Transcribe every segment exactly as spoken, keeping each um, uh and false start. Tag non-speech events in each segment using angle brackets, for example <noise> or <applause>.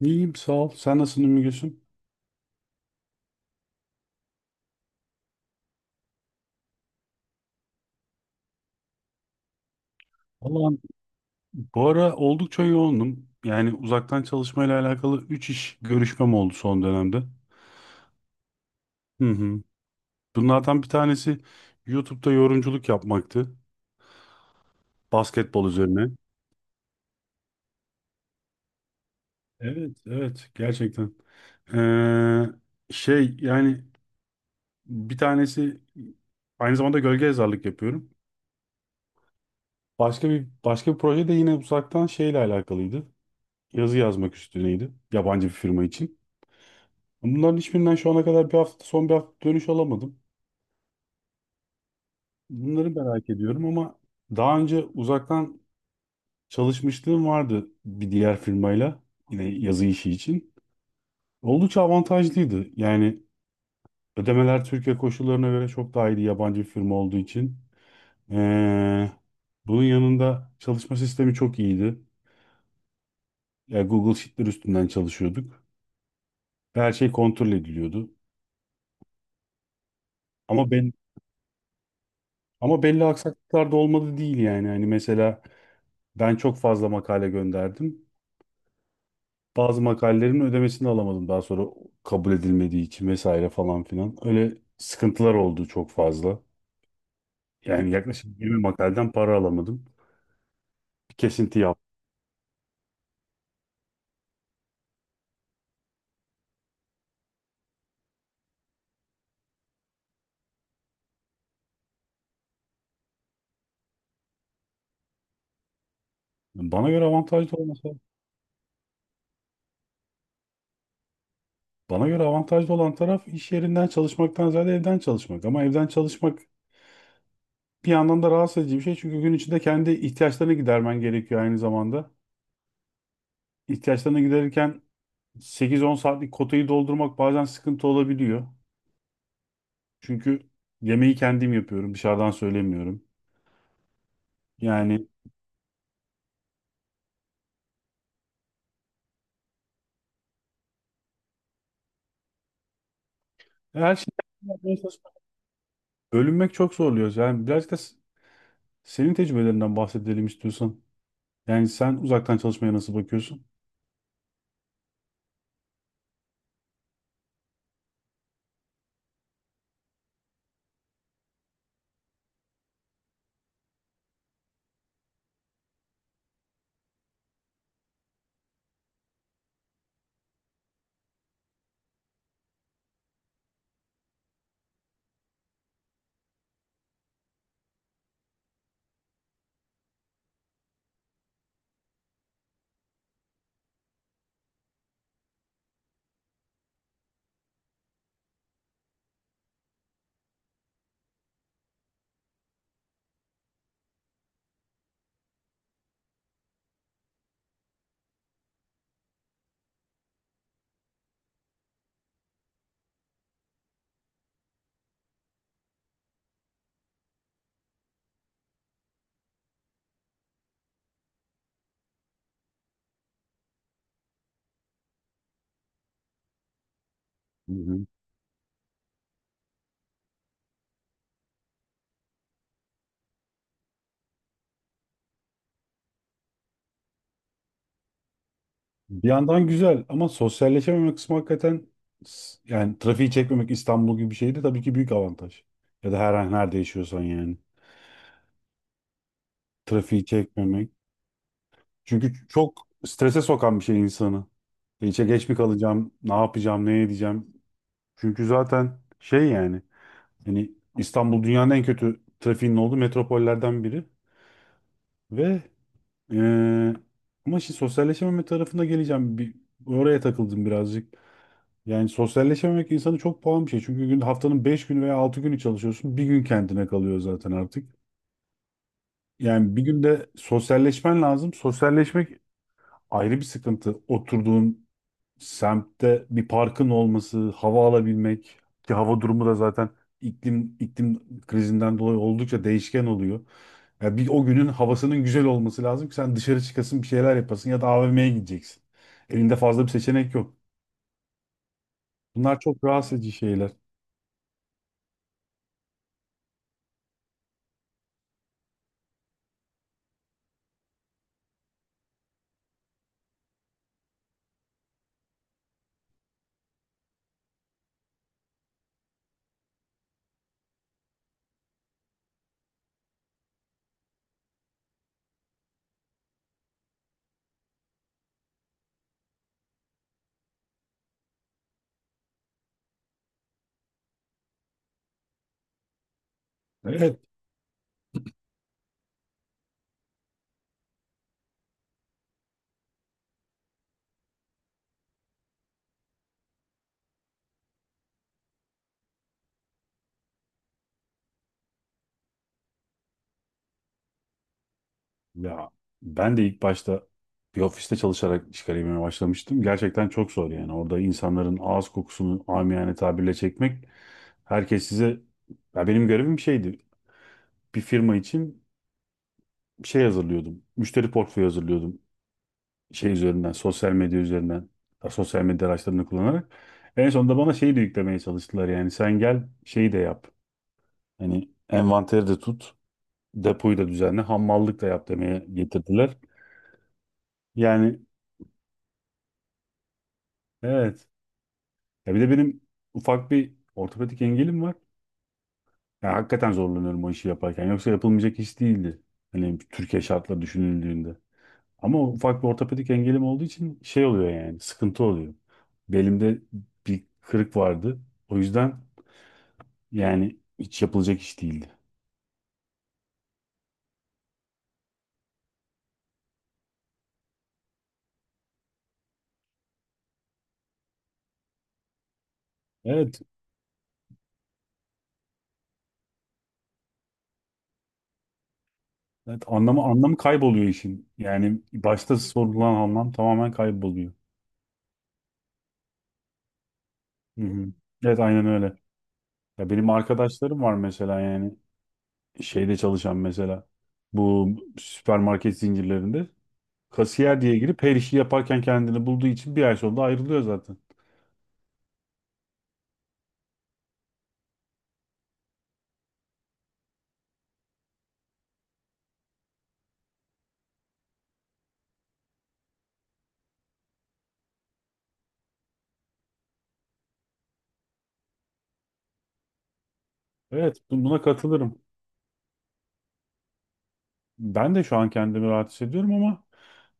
İyiyim sağ ol. Sen nasılsın Ümmü Gülsüm? Vallahi bu ara oldukça yoğundum. Yani uzaktan çalışmayla alakalı üç iş görüşmem oldu son dönemde. Hı hı. Bunlardan bir tanesi YouTube'da yorumculuk yapmaktı. Basketbol üzerine. Evet, evet gerçekten. Ee, şey yani bir tanesi aynı zamanda gölge yazarlık yapıyorum. Başka bir başka bir proje de yine uzaktan şeyle alakalıydı. Yazı yazmak üstüneydi. Yabancı bir firma için. Bunların hiçbirinden şu ana kadar bir hafta, son bir hafta dönüş alamadım. Bunları merak ediyorum ama daha önce uzaktan çalışmışlığım vardı bir diğer firmayla yine yazı işi için. Oldukça avantajlıydı. Yani ödemeler Türkiye koşullarına göre çok daha iyiydi yabancı bir firma olduğu için. Ee, bunun yanında çalışma sistemi çok iyiydi. Yani Google Sheet'ler üstünden çalışıyorduk. Ve her şey kontrol ediliyordu. Ama ben ama belli aksaklıklar da olmadı değil yani. Hani mesela ben çok fazla makale gönderdim. Bazı makalelerin ödemesini alamadım daha sonra kabul edilmediği için vesaire falan filan. Öyle sıkıntılar oldu çok fazla. Yani yaklaşık yirmi makaleden para alamadım. Bir kesinti yaptım. Bana göre avantajlı olmasa, bana göre avantajlı olan taraf iş yerinden çalışmaktan ziyade evden çalışmak. Ama evden çalışmak bir yandan da rahatsız edici bir şey. Çünkü gün içinde kendi ihtiyaçlarını gidermen gerekiyor aynı zamanda. İhtiyaçlarını giderirken sekiz on saatlik kotayı doldurmak bazen sıkıntı olabiliyor. Çünkü yemeği kendim yapıyorum. Dışarıdan söylemiyorum. Yani her şey yapmaya çalışmak. Bölünmek çok zorluyor. Yani birazcık da s- senin tecrübelerinden bahsedelim istiyorsan. Yani sen uzaktan çalışmaya nasıl bakıyorsun? Hı hı. Bir yandan güzel ama sosyalleşememe kısmı hakikaten s- yani trafiği çekmemek İstanbul gibi bir şeyde tabii ki büyük avantaj. Ya da her an nerede yaşıyorsan yani. Trafiği çekmemek. Çünkü çok strese sokan bir şey insanı. İçe geç mi kalacağım, ne yapacağım, ne edeceğim. Çünkü zaten şey yani hani İstanbul dünyanın en kötü trafiğinin olduğu metropollerden biri ve eee ama şimdi sosyalleşememe tarafına geleceğim. Bir, oraya takıldım birazcık. Yani sosyalleşememek insanı çok pahalı bir şey. Çünkü gün, haftanın beş günü veya altı günü çalışıyorsun. Bir gün kendine kalıyor zaten artık. Yani bir günde sosyalleşmen lazım. Sosyalleşmek ayrı bir sıkıntı. Oturduğun semtte bir parkın olması, hava alabilmek ki hava durumu da zaten iklim iklim krizinden dolayı oldukça değişken oluyor. Ya bir o günün havasının güzel olması lazım ki sen dışarı çıkasın, bir şeyler yapasın ya da A V M'ye gideceksin. Elinde fazla bir seçenek yok. Bunlar çok rahatsız edici şeyler. Evet. Ya ben de ilk başta bir ofiste çalışarak iş kariyerime başlamıştım. Gerçekten çok zor yani. Orada insanların ağız kokusunu amiyane tabirle çekmek. Herkes size ya benim görevim şeydi. Bir firma için şey hazırlıyordum. Müşteri portföyü hazırlıyordum. Şey üzerinden, sosyal medya üzerinden, sosyal medya araçlarını kullanarak. En sonunda bana şeyi de yüklemeye çalıştılar yani sen gel şeyi de yap. Hani envanteri de tut, depoyu da düzenle, hamallık da yap demeye getirdiler. Yani evet. Ya bir de benim ufak bir ortopedik engelim var. Ya hakikaten zorlanıyorum o işi yaparken. Yoksa yapılmayacak iş değildi. Hani Türkiye şartları düşünüldüğünde. Ama ufak bir ortopedik engelim olduğu için şey oluyor yani sıkıntı oluyor. Belimde bir kırık vardı. O yüzden yani hiç yapılacak iş değildi. Evet, evet anlamı anlamı kayboluyor işin. Yani başta sorulan anlam tamamen kayboluyor. Hı hı. Evet aynen öyle. Ya benim arkadaşlarım var mesela yani şeyde çalışan mesela bu süpermarket zincirlerinde kasiyer diye girip her işi yaparken kendini bulduğu için bir ay sonra ayrılıyor zaten. Evet bu- buna katılırım. Ben de şu an kendimi rahat hissediyorum ama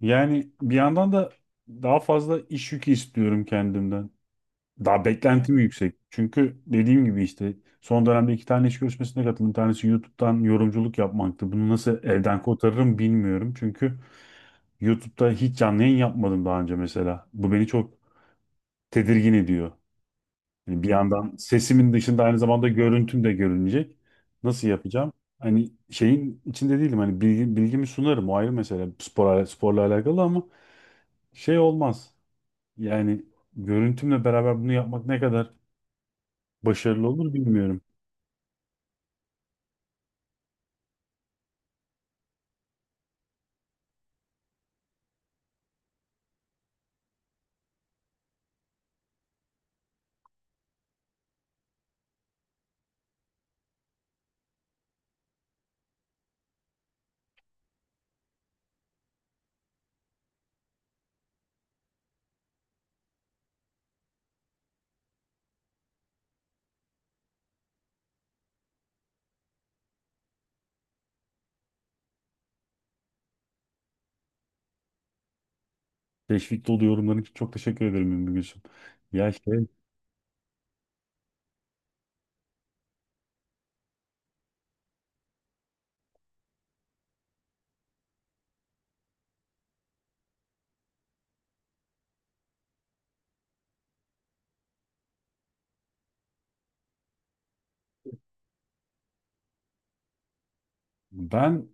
yani bir yandan da daha fazla iş yükü istiyorum kendimden. Daha beklentim yüksek. Çünkü dediğim gibi işte son dönemde iki tane iş görüşmesine katıldım. Bir tanesi YouTube'dan yorumculuk yapmaktı. Bunu nasıl elden kotarırım bilmiyorum. Çünkü YouTube'da hiç canlı yayın yapmadım daha önce mesela. Bu beni çok tedirgin ediyor. Yani bir yandan sesimin dışında aynı zamanda görüntüm de görünecek. Nasıl yapacağım? Hani şeyin içinde değilim. Hani bilgi, bilgimi sunarım. O ayrı mesele. Spor, sporla alakalı ama şey olmaz. Yani görüntümle beraber bunu yapmak ne kadar başarılı olur bilmiyorum. Teşvik dolu yorumların için çok teşekkür ederim Ümmü Gülsüm. Ya şey ben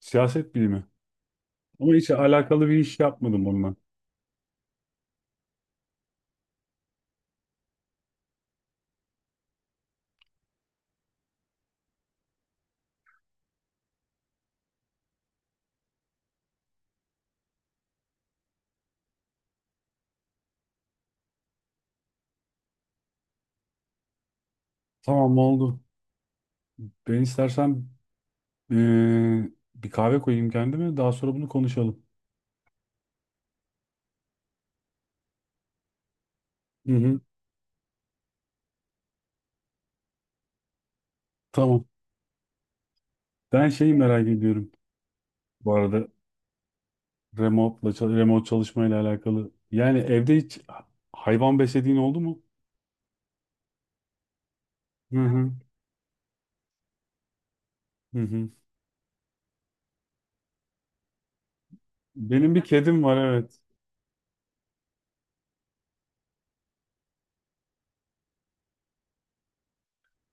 siyaset bilimi ama hiç alakalı bir iş yapmadım onunla. Tamam oldu. Ben istersen eee, bir kahve koyayım kendime daha sonra bunu konuşalım. Hı hı. Tamam. Ben şeyi merak ediyorum. Bu arada remote'la çal- remote çalışmayla alakalı. Yani evde hiç ha- hayvan beslediğin oldu mu? Hı hı. Hı hı. Benim bir kedim var evet.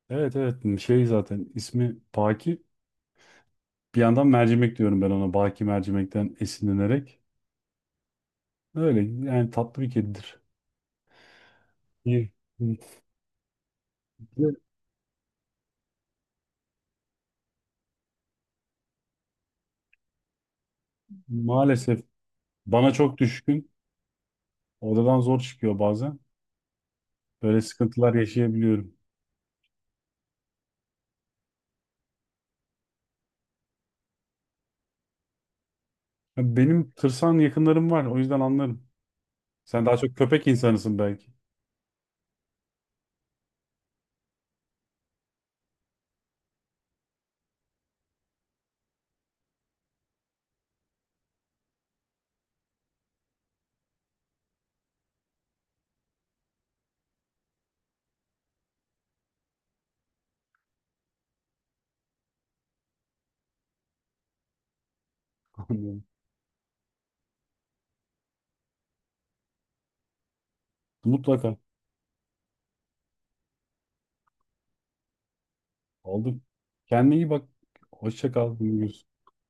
Evet evet şey zaten ismi Baki. Bir yandan mercimek diyorum ben ona. Baki mercimekten esinlenerek. Öyle yani tatlı bir kedidir. İyi. Ve maalesef bana çok düşkün. Odadan zor çıkıyor bazen. Böyle sıkıntılar yaşayabiliyorum. Ya benim tırsan yakınlarım var o yüzden anlarım. Sen daha çok köpek insanısın belki. <laughs> Anlıyorum. Mutlaka. Aldım. Kendine iyi bak. Hoşça kal. Görüşürüz.